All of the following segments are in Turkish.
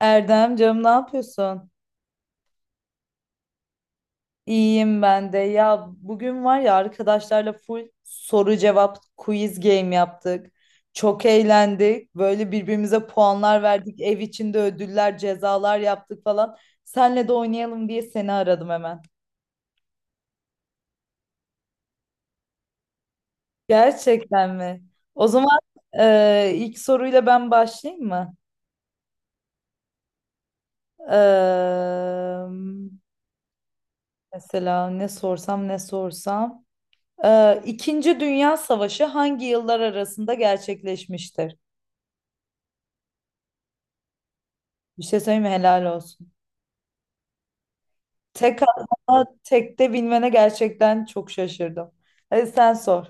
Erdem canım ne yapıyorsun? İyiyim ben de. Ya bugün var ya arkadaşlarla full soru cevap quiz game yaptık. Çok eğlendik. Böyle birbirimize puanlar verdik. Ev içinde ödüller, cezalar yaptık falan. Senle de oynayalım diye seni aradım hemen. Gerçekten mi? O zaman ilk soruyla ben başlayayım mı? E, mesela ne sorsam ne sorsam. İkinci Dünya Savaşı hangi yıllar arasında gerçekleşmiştir? Bir şey söyleyeyim mi? Helal olsun. Tek atma, tekte bilmene gerçekten çok şaşırdım. Hadi sen sor.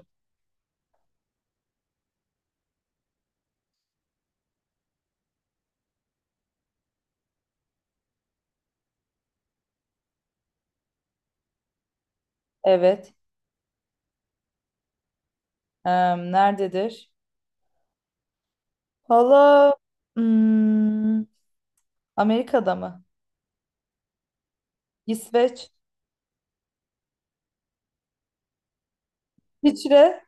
Evet. Nerededir? Hala hmm, Amerika'da mı? İsveç. İsviçre.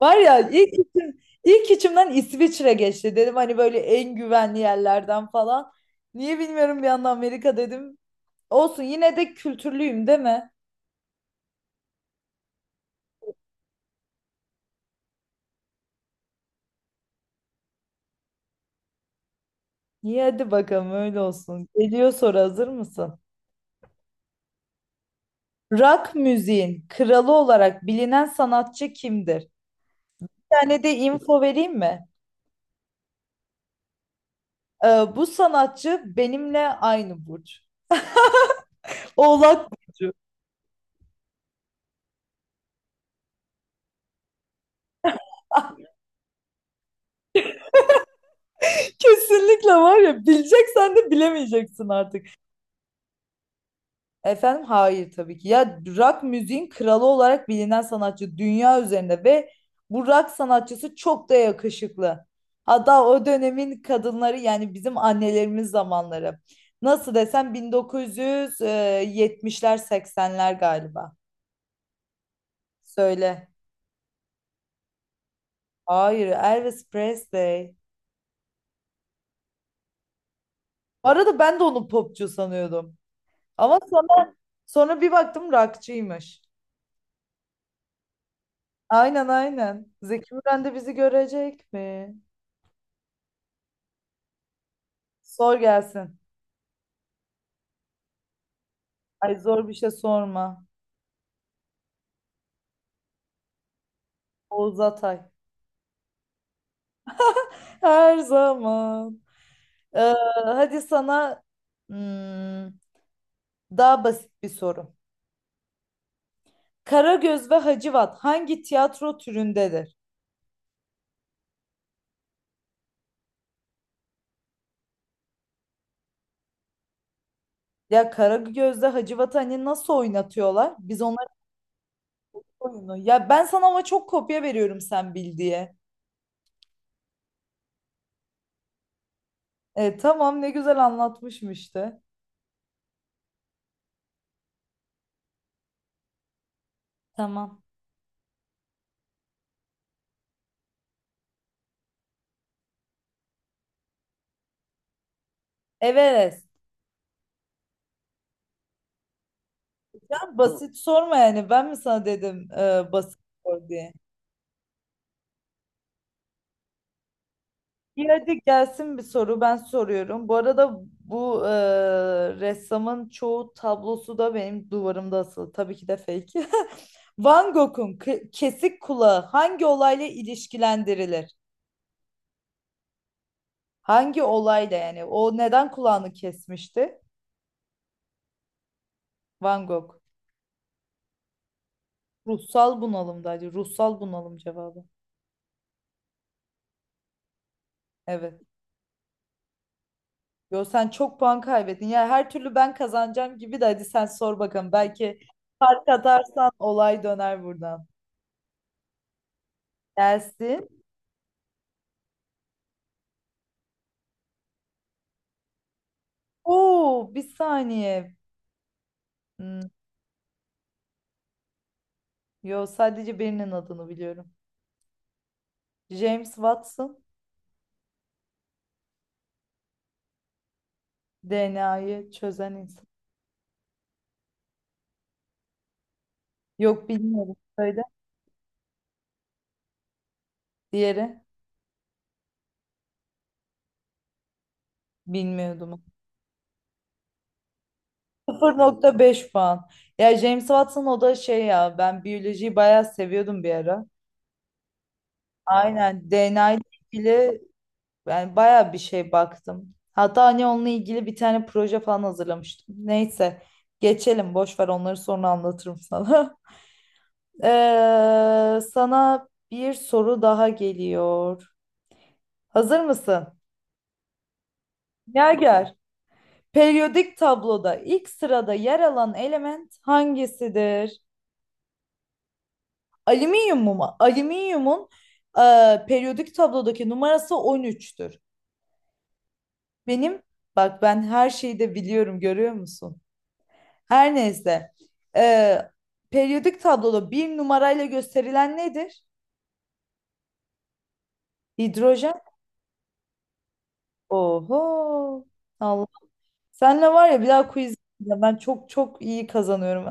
Var ya ilk, ilk içimden İsviçre geçti. Dedim hani böyle en güvenli yerlerden falan. Niye bilmiyorum bir anda Amerika dedim. Olsun yine de kültürlüyüm değil mi? İyi hadi bakalım öyle olsun. Geliyor soru hazır mısın? Rock müziğin kralı olarak bilinen sanatçı kimdir? Bir tane de info vereyim mi? Ee, bu sanatçı benimle aynı burç. Oğlak burcu. Kesinlikle var ya bileceksen de bilemeyeceksin artık. Efendim hayır tabii ki. Ya rock müziğin kralı olarak bilinen sanatçı dünya üzerinde ve bu rock sanatçısı çok da yakışıklı. Hatta o dönemin kadınları yani bizim annelerimiz zamanları. Nasıl desem 1970'ler 80'ler galiba. Söyle. Hayır Elvis Presley. Bu arada ben de onu popçu sanıyordum. Ama sonra, sonra bir baktım rockçıymış. Aynen aynen. Zeki Müren de bizi görecek mi? Sor gelsin. Ay zor bir şey sorma. Oğuz Atay. Her zaman. Ee, hadi sana hmm, daha basit bir soru. Karagöz ve Hacivat hangi tiyatro türündedir? Ya Karagöz'de Hacivat'ı hani nasıl oynatıyorlar? Biz onların oyunu. Ya ben sana ama çok kopya veriyorum sen bil diye. E, tamam ne güzel anlatmışım işte. Tamam. Everest. Ya basit sorma yani. Ben mi sana dedim basit sor diye. İyi hadi gelsin bir soru ben soruyorum. Bu arada bu ressamın çoğu tablosu da benim duvarımda asılı. Tabii ki de fake. Van Gogh'un kesik kulağı hangi olayla ilişkilendirilir? Hangi olayla yani? O neden kulağını kesmişti? Van Gogh. Ruhsal bunalımdaydı. Ruhsal bunalım cevabı. Evet. Yo sen çok puan kaybettin. Ya her türlü ben kazanacağım gibi de hadi sen sor bakalım. Belki fark atarsan olay döner buradan. Gelsin. Oo, bir saniye. Hmm, yo sadece birinin adını biliyorum. James Watson DNA'yı çözen insan. Yok bilmiyorum. Söyle. Diğeri bilmiyordum. 0.5 puan. Ya James Watson o da şey ya ben biyolojiyi bayağı seviyordum bir ara. Aynen DNA ile ilgili yani bayağı bir şey baktım. Hatta hani onunla ilgili bir tane proje falan hazırlamıştım. Neyse geçelim boş ver onları sonra anlatırım sana. Sana bir soru daha geliyor. Hazır mısın? Gerger. Periyodik tabloda ilk sırada yer alan element hangisidir? Alüminyum mu? Alüminyumun e, periyodik tablodaki numarası 13'tür. Benim, bak ben her şeyi de biliyorum görüyor musun? Her neyse. Ee, periyodik tabloda bir numarayla gösterilen nedir? Hidrojen. Oho. Allah. Senle var ya bir daha quiz yapacağım. Ben çok çok iyi kazanıyorum.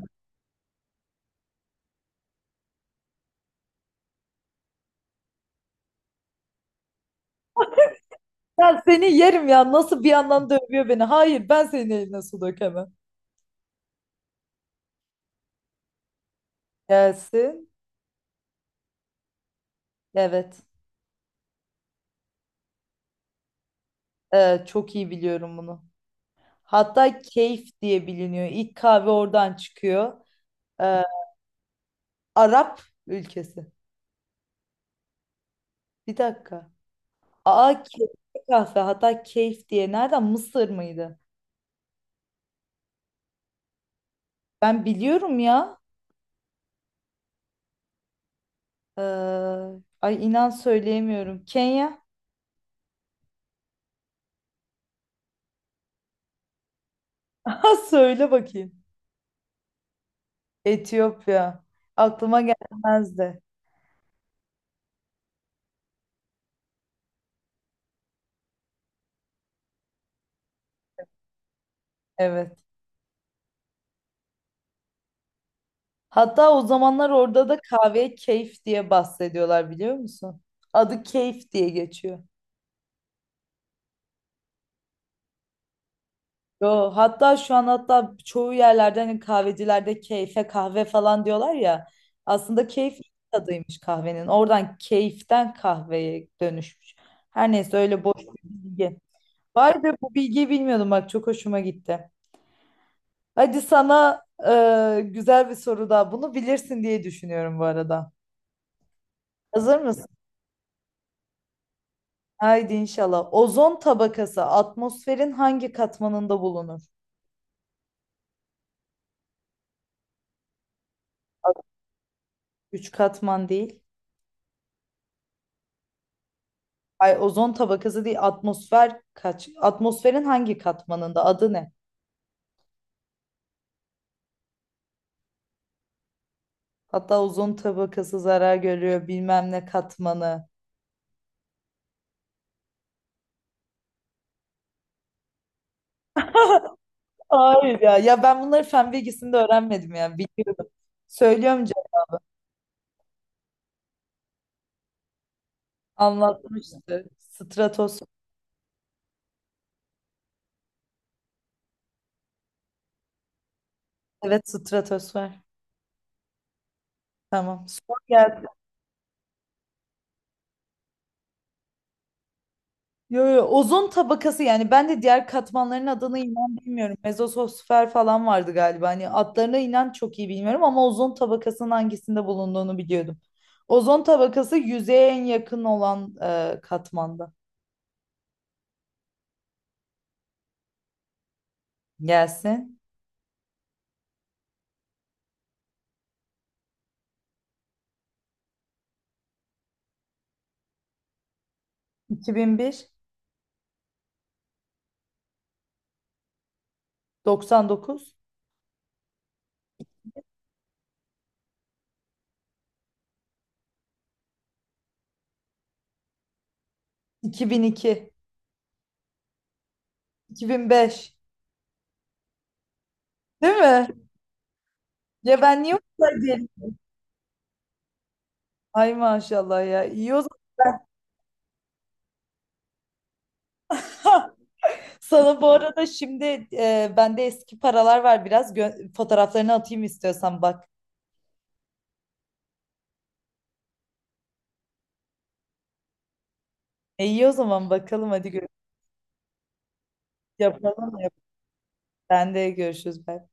Ben seni yerim ya nasıl bir yandan dövüyor beni. Hayır ben senin eline su dökemem. Gelsin. Evet. Çok iyi biliyorum bunu. Hatta Keyf diye biliniyor. İlk kahve oradan çıkıyor. Ee, Arap ülkesi. Bir dakika. Aa keyifli kahve. Hatta Keyf diye. Nereden? Mısır mıydı? Ben biliyorum ya. Ee, ay inan söyleyemiyorum. Kenya. Ha söyle bakayım. Etiyopya. Aklıma gelmezdi. Evet. Hatta o zamanlar orada da kahveye keyif diye bahsediyorlar biliyor musun? Adı keyif diye geçiyor. Yo, hatta şu an hatta çoğu yerlerde hani kahvecilerde keyfe kahve falan diyorlar ya. Aslında keyif tadıymış kahvenin. Oradan keyiften kahveye dönüşmüş. Her neyse öyle boş bir bilgi. Vay be bu bilgiyi bilmiyordum bak çok hoşuma gitti. Hadi sana güzel bir soru daha. Bunu bilirsin diye düşünüyorum bu arada. Hazır mısın? Haydi inşallah. Ozon tabakası atmosferin hangi katmanında bulunur? Üç katman değil. Ay ozon tabakası değil atmosfer kaç? Atmosferin hangi katmanında? Adı ne? Hatta ozon tabakası zarar görüyor bilmem ne katmanı. Hayır ya. Ya ben bunları fen bilgisinde öğrenmedim ya. Biliyordum. Söylüyorum canım. Anlatmıştı. Stratosfer. Evet stratosfer. Tamam. Sor geldi. Yo, yo, ozon tabakası yani ben de diğer katmanların adını inan bilmiyorum. Mezosfer falan vardı galiba. Hani adlarına inan çok iyi bilmiyorum ama ozon tabakasının hangisinde bulunduğunu biliyordum. Ozon tabakası yüzeye en yakın olan katmanda. Gelsin. 2001, 99, 2002, 2005. Değil mi? Ya ben niye o kadar diyelim? Ay maşallah ya. İyi o zaman. Sana bu arada şimdi bende eski paralar var biraz fotoğraflarını atayım istiyorsan bak. İyi o zaman bakalım hadi gör yapalım mı? Ben de görüşürüz. Bye.